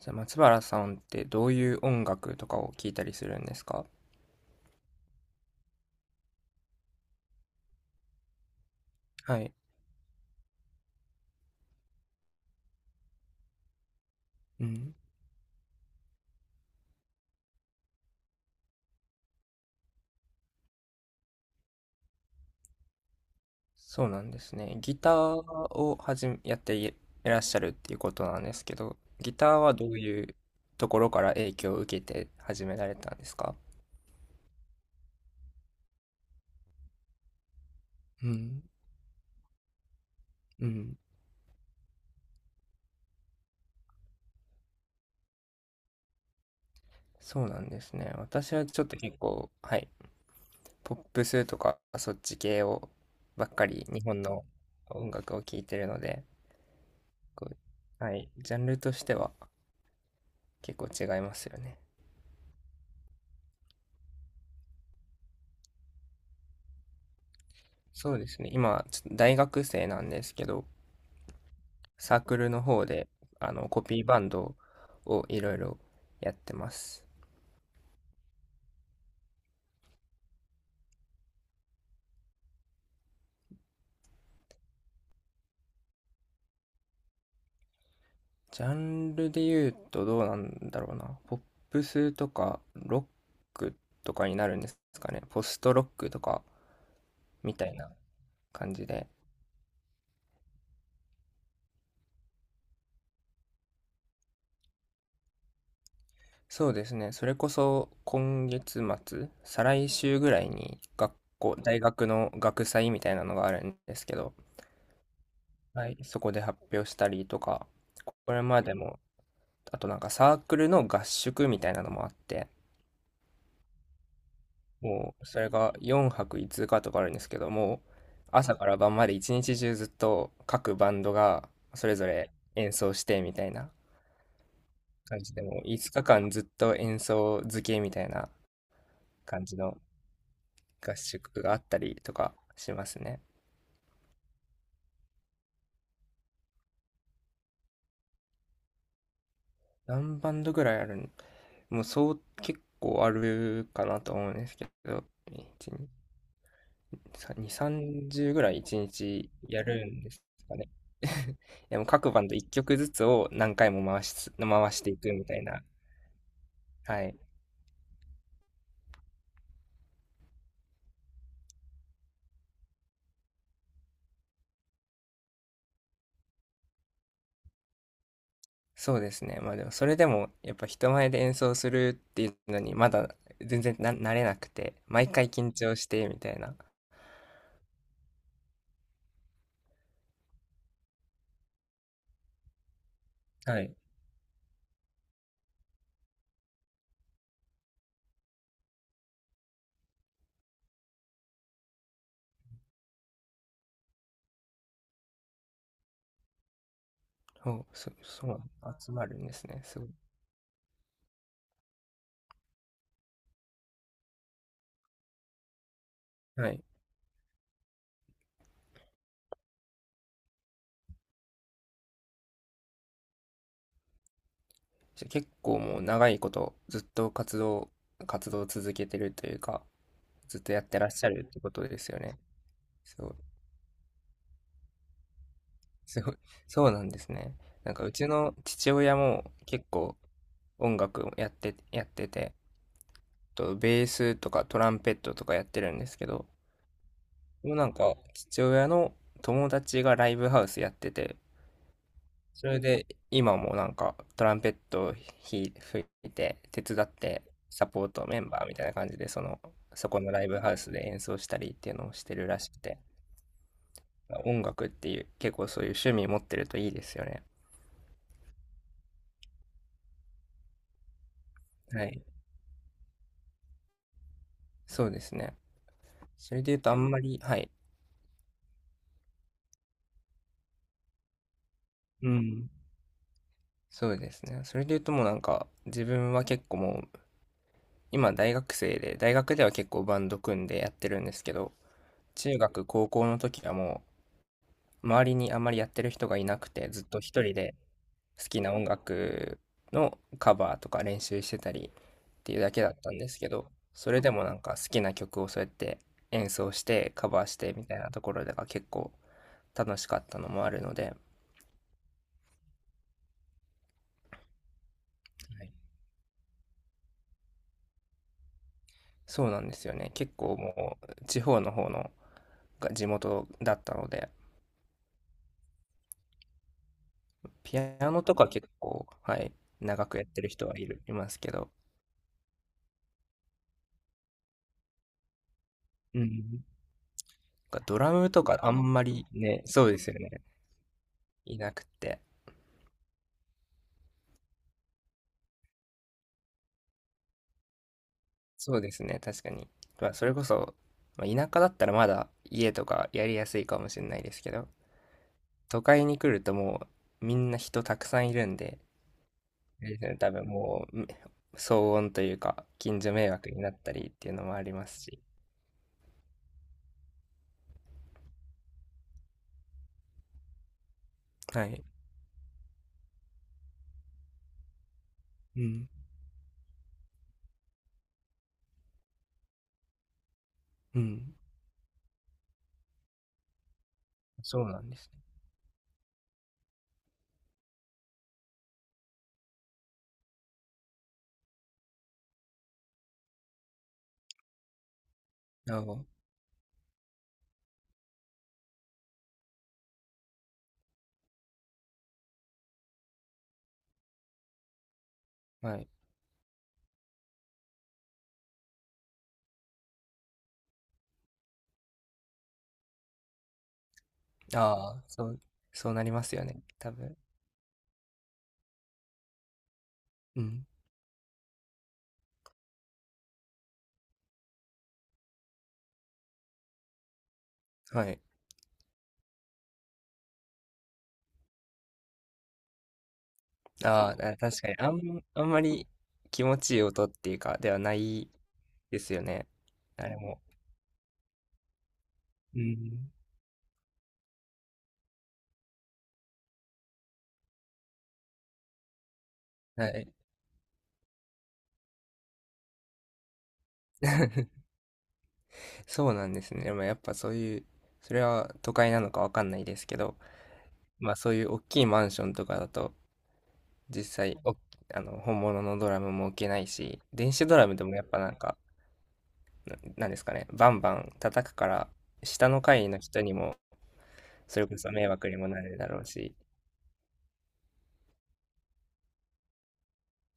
じゃあ松原さんってどういう音楽とかを聴いたりするんですか？はい。うん。そうなんですね。ギターをはじめ、やっていらっしゃるっていうことなんですけど、ギターはどういうところから影響を受けて始められたんですか？うん。うん。そうなんですね。私はちょっと結構、はい、ポップスとかそっち系をばっかり日本の音楽を聴いてるので、こう、はい、ジャンルとしては結構違いますよね。そうですね。今、大学生なんですけど、サークルの方で、コピーバンドをいろいろやってます。ジャンルで言うとどうなんだろうな。ポップスとか、ロックとかになるんですかね。ポストロックとか、みたいな感じで。そうですね。それこそ、今月末、再来週ぐらいに、学校、大学の学祭みたいなのがあるんですけど、はい、そこで発表したりとか、これまでもあとなんかサークルの合宿みたいなのもあって、もうそれが4泊5日とかあるんですけども、朝から晩まで一日中ずっと各バンドがそれぞれ演奏してみたいな感じで、もう5日間ずっと演奏漬けみたいな感じの合宿があったりとかしますね。何バンドぐらいあるんもうそう結構あるかなと思うんですけど、2、30ぐらい1日やるんですかね。でも各バンド1曲ずつを何回も回していくみたいな。はい。そうですね。まあでもそれでもやっぱ人前で演奏するっていうのにまだ全然慣れなくて、毎回緊張してみたいな。はい。そう、集まるんですね。すごい。はい。じゃあ結構もう長いことずっと活動を続けてるというか、ずっとやってらっしゃるってことですよね。そう。すごい、そうなんですね。なんかうちの父親も結構音楽をやってて、とベースとかトランペットとかやってるんですけど、もうなんか父親の友達がライブハウスやってて、それで今もなんかトランペットを吹いて手伝ってサポートメンバーみたいな感じでその、そこのライブハウスで演奏したりっていうのをしてるらしくて、音楽っていう結構そういう趣味持ってるといいですよね。はい、そうですね。それで言うとあんまり、はい。うん。そうですね。それで言うともうなんか自分は結構もう今大学生で大学では結構バンド組んでやってるんですけど、中学高校の時はもう周りにあんまりやってる人がいなくてずっと一人で好きな音楽のカバーとか練習してたりっていうだけだったんですけど、それでもなんか好きな曲をそうやって演奏してカバーしてみたいなところが結構楽しかったのもあるので、はい、そうなんですよね。結構もう地方の方のが地元だったので、ピアノとか結構、はい、長くやってる人はいますけど、うん。なんかドラムとかあんまりね、そうですよね。いなくって。そうですね、確かに。まあ、それこそ、まあ、田舎だったらまだ家とかやりやすいかもしれないですけど、都会に来るともうみんな人たくさんいるんで、あれですよね、多分もう、うん、騒音というか、近所迷惑になったりっていうのもありますし。はい。うん、うん。そうなんですね。ああ、はい。ああ、そうなりますよね、多分。うん。はい。ああ、確かに、あんまり気持ちいい音っていうか、ではないですよね。あれも。うん。はい。そうなんですね。でもやっぱそういう、それは都会なのかわかんないですけど、まあそういう大きいマンションとかだと、実際、あの、本物のドラムも置けないし、電子ドラムでもやっぱなんか、なんですかね、バンバン叩くから、下の階の人にも、それこそ迷惑にもなるだろうし、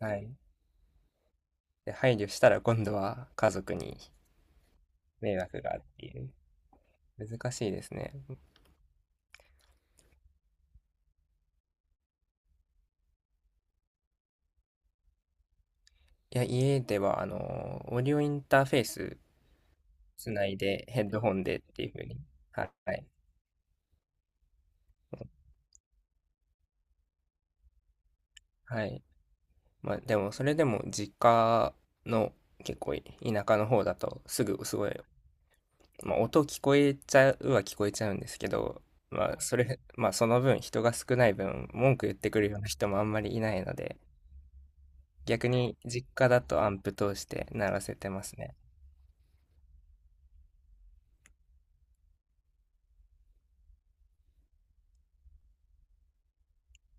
はい。で、配慮したら今度は家族に迷惑がっていう。難しいですね。いや、家では、あの、オーディオインターフェースつないで、ヘッドホンでっていう風に。はい。はい。まあ、でも、それでも実家の結構田舎の方だと、すぐすごい、まあ、音聞こえちゃうは聞こえちゃうんですけど、まあ、それ、まあ、その分人が少ない分文句言ってくるような人もあんまりいないので、逆に実家だとアンプ通して鳴らせてますね。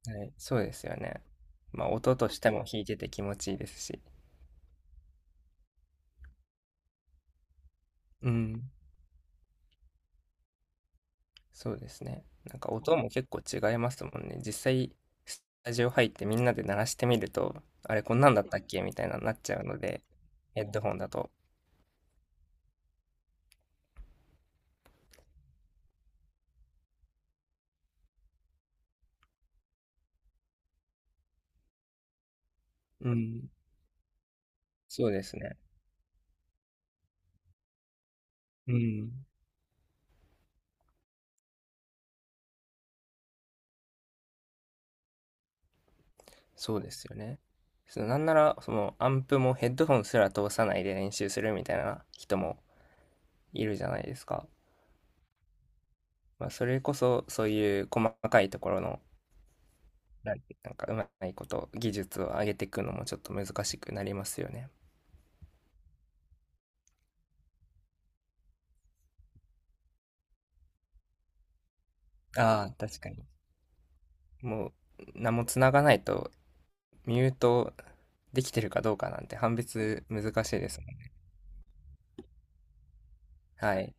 はい、そうですよね。まあ、音としても弾いてて気持ちいいですし。うん、そうですね。なんか音も結構違いますもんね。実際、スタジオ入ってみんなで鳴らしてみると、あれこんなんだったっけみたいなのになっちゃうので、ヘッドホンだと。うん、そうですね。うん。そうですよね。そのなんなら、そのアンプもヘッドホンすら通さないで練習するみたいな人もいるじゃないですか。まあ、それこそそういう細かいところの、なんなんかうまいこと技術を上げていくのもちょっと難しくなりますよね。ああ、確かに。もう何も繋がないとミュートできてるかどうかなんて判別難しいですもんね。はい。